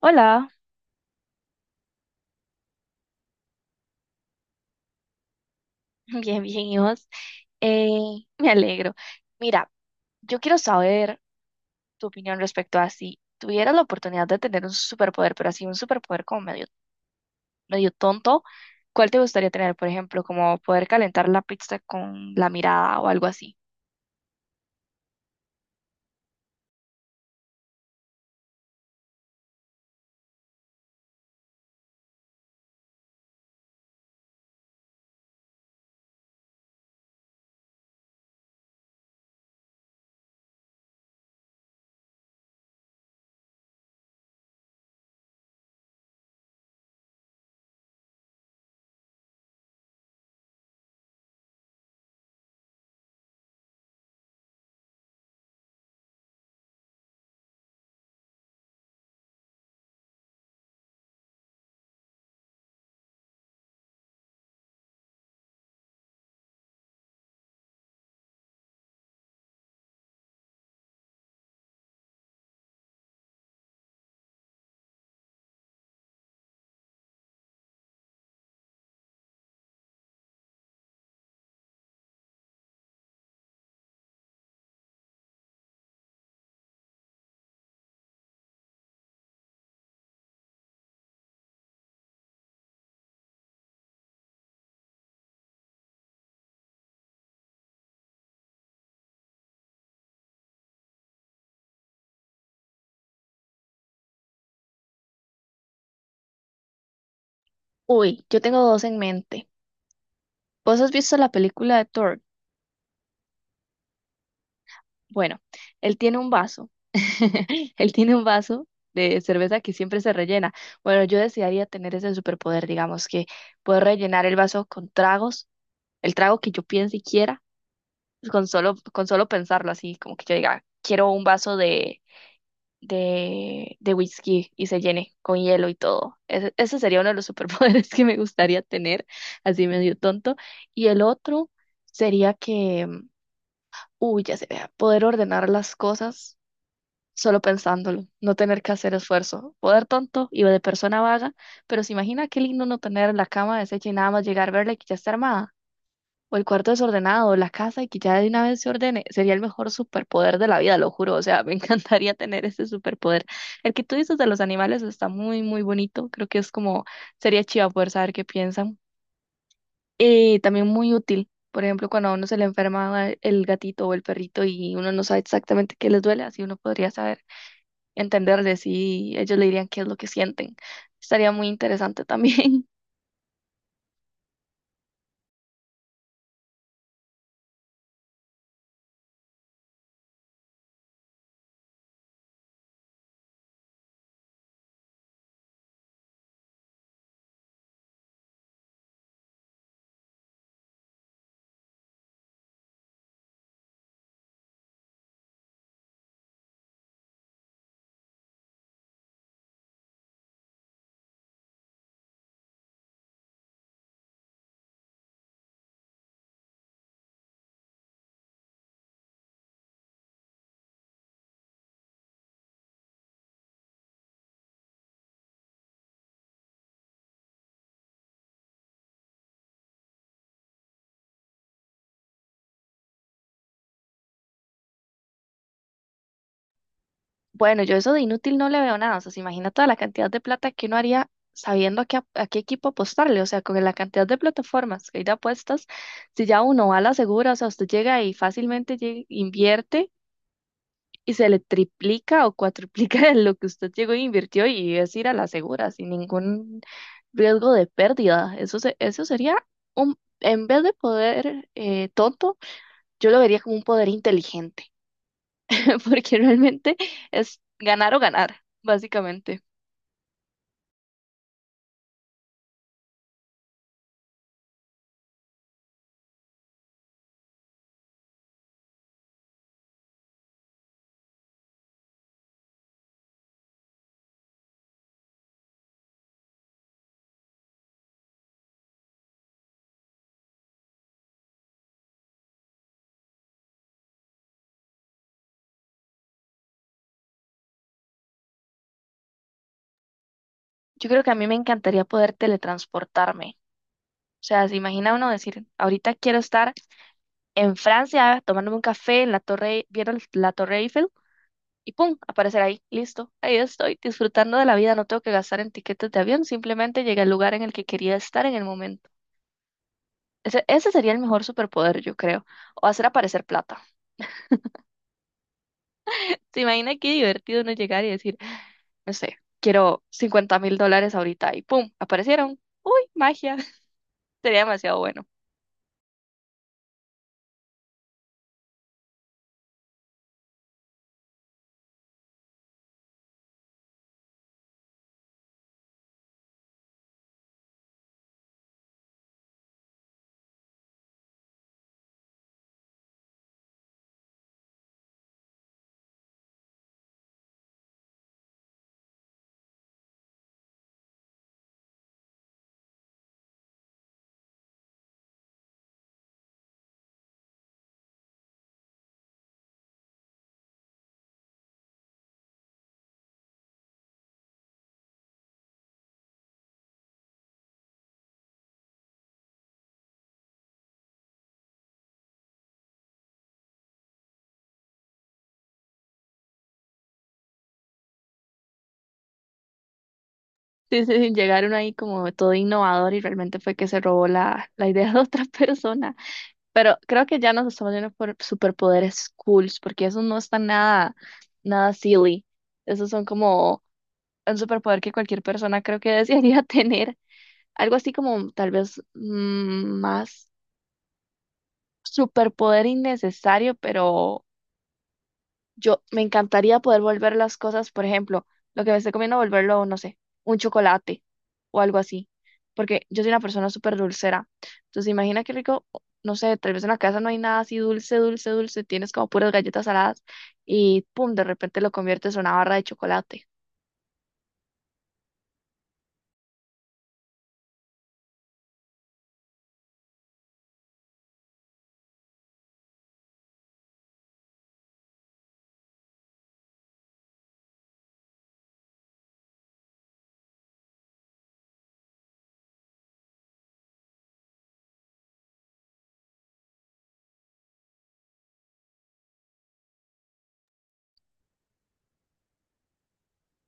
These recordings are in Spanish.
Hola. Bien, bien, ¿y vos? Eh, Me alegro. Mira, yo quiero saber tu opinión respecto a si tuvieras la oportunidad de tener un superpoder, pero así un superpoder como medio, medio tonto, ¿cuál te gustaría tener? Por ejemplo, como poder calentar la pizza con la mirada o algo así. Uy, yo tengo dos en mente. ¿Vos has visto la película de Thor? Bueno, él tiene un vaso. Él tiene un vaso de cerveza que siempre se rellena. Bueno, yo desearía tener ese superpoder, digamos, que puedo rellenar el vaso con tragos, el trago que yo piense y quiera, pues, con solo pensarlo así, como que yo diga, quiero un vaso de whisky y se llene con hielo y todo. Ese sería uno de los superpoderes que me gustaría tener, así medio tonto. Y el otro sería que, uy, ya se vea, poder ordenar las cosas solo pensándolo, no tener que hacer esfuerzo, poder tonto y de persona vaga, pero se imagina qué lindo no tener la cama deshecha y nada más llegar a verla y que ya está armada, o el cuarto desordenado, o la casa y que ya de una vez se ordene, sería el mejor superpoder de la vida, lo juro, o sea, me encantaría tener ese superpoder. El que tú dices de los animales está muy, muy bonito, creo que es como, sería chiva poder saber qué piensan, y también muy útil. Por ejemplo, cuando a uno se le enferma el gatito o el perrito y uno no sabe exactamente qué les duele, así uno podría saber entenderles y ellos le dirían qué es lo que sienten. Estaría muy interesante también. Bueno, yo eso de inútil no le veo nada. O sea, se imagina toda la cantidad de plata que uno haría sabiendo a qué, ap- a qué equipo apostarle. O sea, con la cantidad de plataformas que hay de apuestas, si ya uno va a la segura, o sea, usted llega y fácilmente lle- invierte y se le triplica o cuatriplica lo que usted llegó e invirtió y es ir a la segura sin ningún riesgo de pérdida. Eso, se- eso sería un, en vez de poder tonto, yo lo vería como un poder inteligente, porque realmente es ganar o ganar, básicamente. Yo creo que a mí me encantaría poder teletransportarme. O sea, se imagina uno decir, ahorita quiero estar en Francia tomándome un café en la torre, vieron la Torre Eiffel y pum, aparecer ahí, listo, ahí estoy disfrutando de la vida, no tengo que gastar en tiquetes de avión, simplemente llegué al lugar en el que quería estar en el momento. Ese sería el mejor superpoder, yo creo, o hacer aparecer plata. ¿Se imagina qué divertido uno llegar y decir no sé, quiero $50,000 ahorita y ¡pum! aparecieron? ¡Uy, magia! Sería demasiado bueno. Sí, sí, sí, llegaron ahí como todo innovador y realmente fue que se robó la idea de otra persona. Pero creo que ya nos estamos yendo por superpoderes cools, porque esos no están nada, nada silly. Esos son como un superpoder que cualquier persona creo que desearía tener. Algo así como tal vez más superpoder innecesario, pero yo me encantaría poder volver las cosas, por ejemplo, lo que me esté comiendo, volverlo, no sé, un chocolate o algo así. Porque yo soy una persona súper dulcera. Entonces, imagina qué rico, o- no sé, tal vez en la casa no hay nada así dulce, dulce, dulce. Tienes como puras galletas saladas y pum, de repente lo conviertes en una barra de chocolate.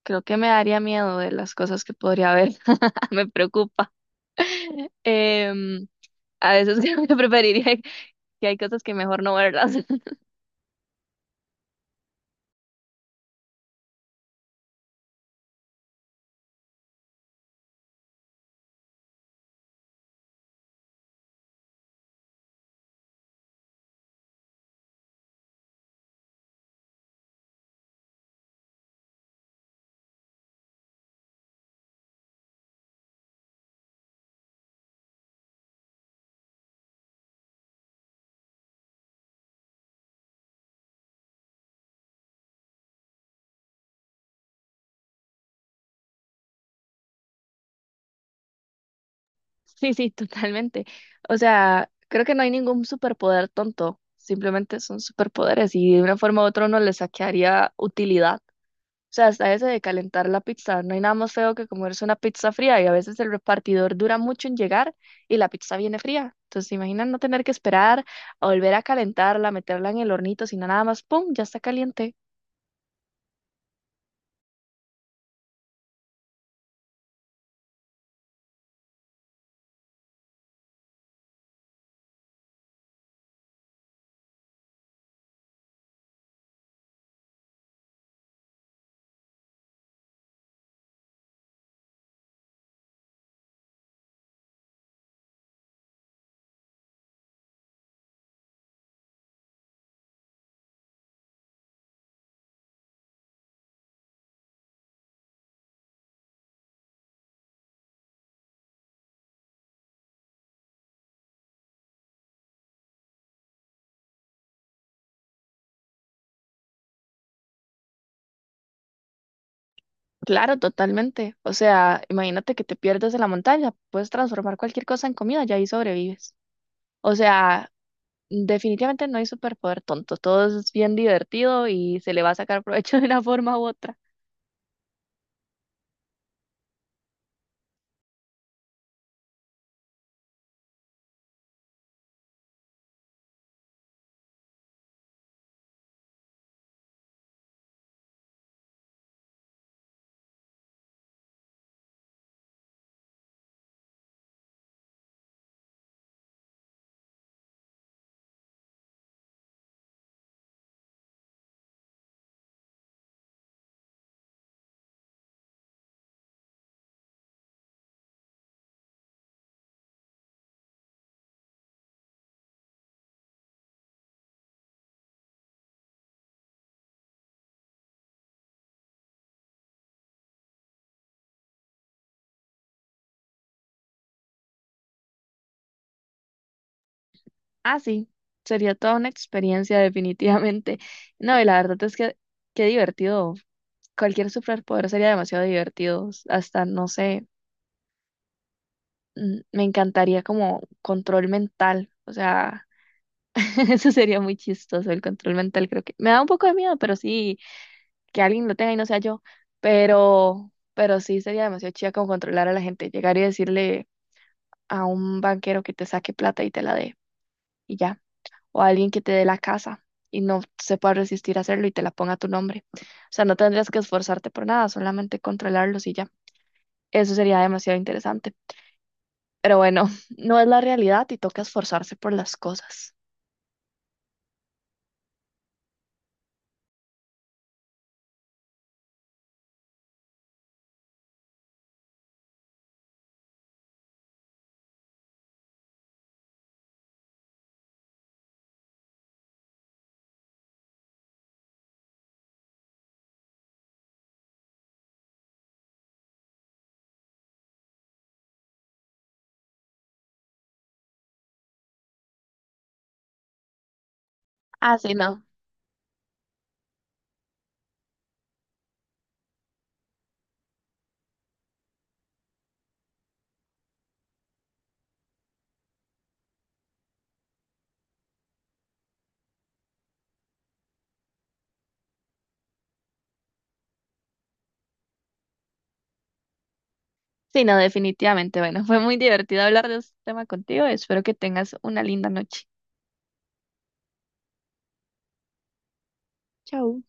Creo que me daría miedo de las cosas que podría haber. Me preocupa. Em, a veces creo que preferiría que hay cosas que mejor no verlas. Sí, sí, totalmente. O sea, creo que no hay ningún superpoder tonto, simplemente son superpoderes y de una forma u otra uno le saquearía utilidad. O sea, hasta ese de calentar la pizza, no hay nada más feo que comerse una pizza fría y a veces el repartidor dura mucho en llegar y la pizza viene fría. Entonces, imagina no tener que esperar a volver a calentarla, meterla en el hornito, sino nada más, ¡pum!, ya está caliente. Claro, totalmente. O sea, imagínate que te pierdes en la montaña, puedes transformar cualquier cosa en comida y ahí sobrevives. O sea, definitivamente no hay superpoder tonto, todo es bien divertido y se le va a sacar provecho de una forma u otra. Ah, sí, sería toda una experiencia definitivamente. No, y la verdad es que qué divertido. Cualquier superpoder sería demasiado divertido. Hasta, no sé, me encantaría como control mental. O sea, eso sería muy chistoso, el control mental creo que. Me da un poco de miedo, pero sí, que alguien lo tenga y no sea yo. Pero sí sería demasiado chida como controlar a la gente, llegar y decirle a un banquero que te saque plata y te la dé y ya, o a alguien que te dé la casa y no se pueda resistir a hacerlo y te la ponga a tu nombre. O sea, no tendrías que esforzarte por nada, solamente controlarlos y ya. Eso sería demasiado interesante. Pero bueno, no es la realidad y toca esforzarse por las cosas. Ah, sí, no. Sí, no, definitivamente. Bueno, fue muy divertido hablar de este tema contigo. Espero que tengas una linda noche. Chao.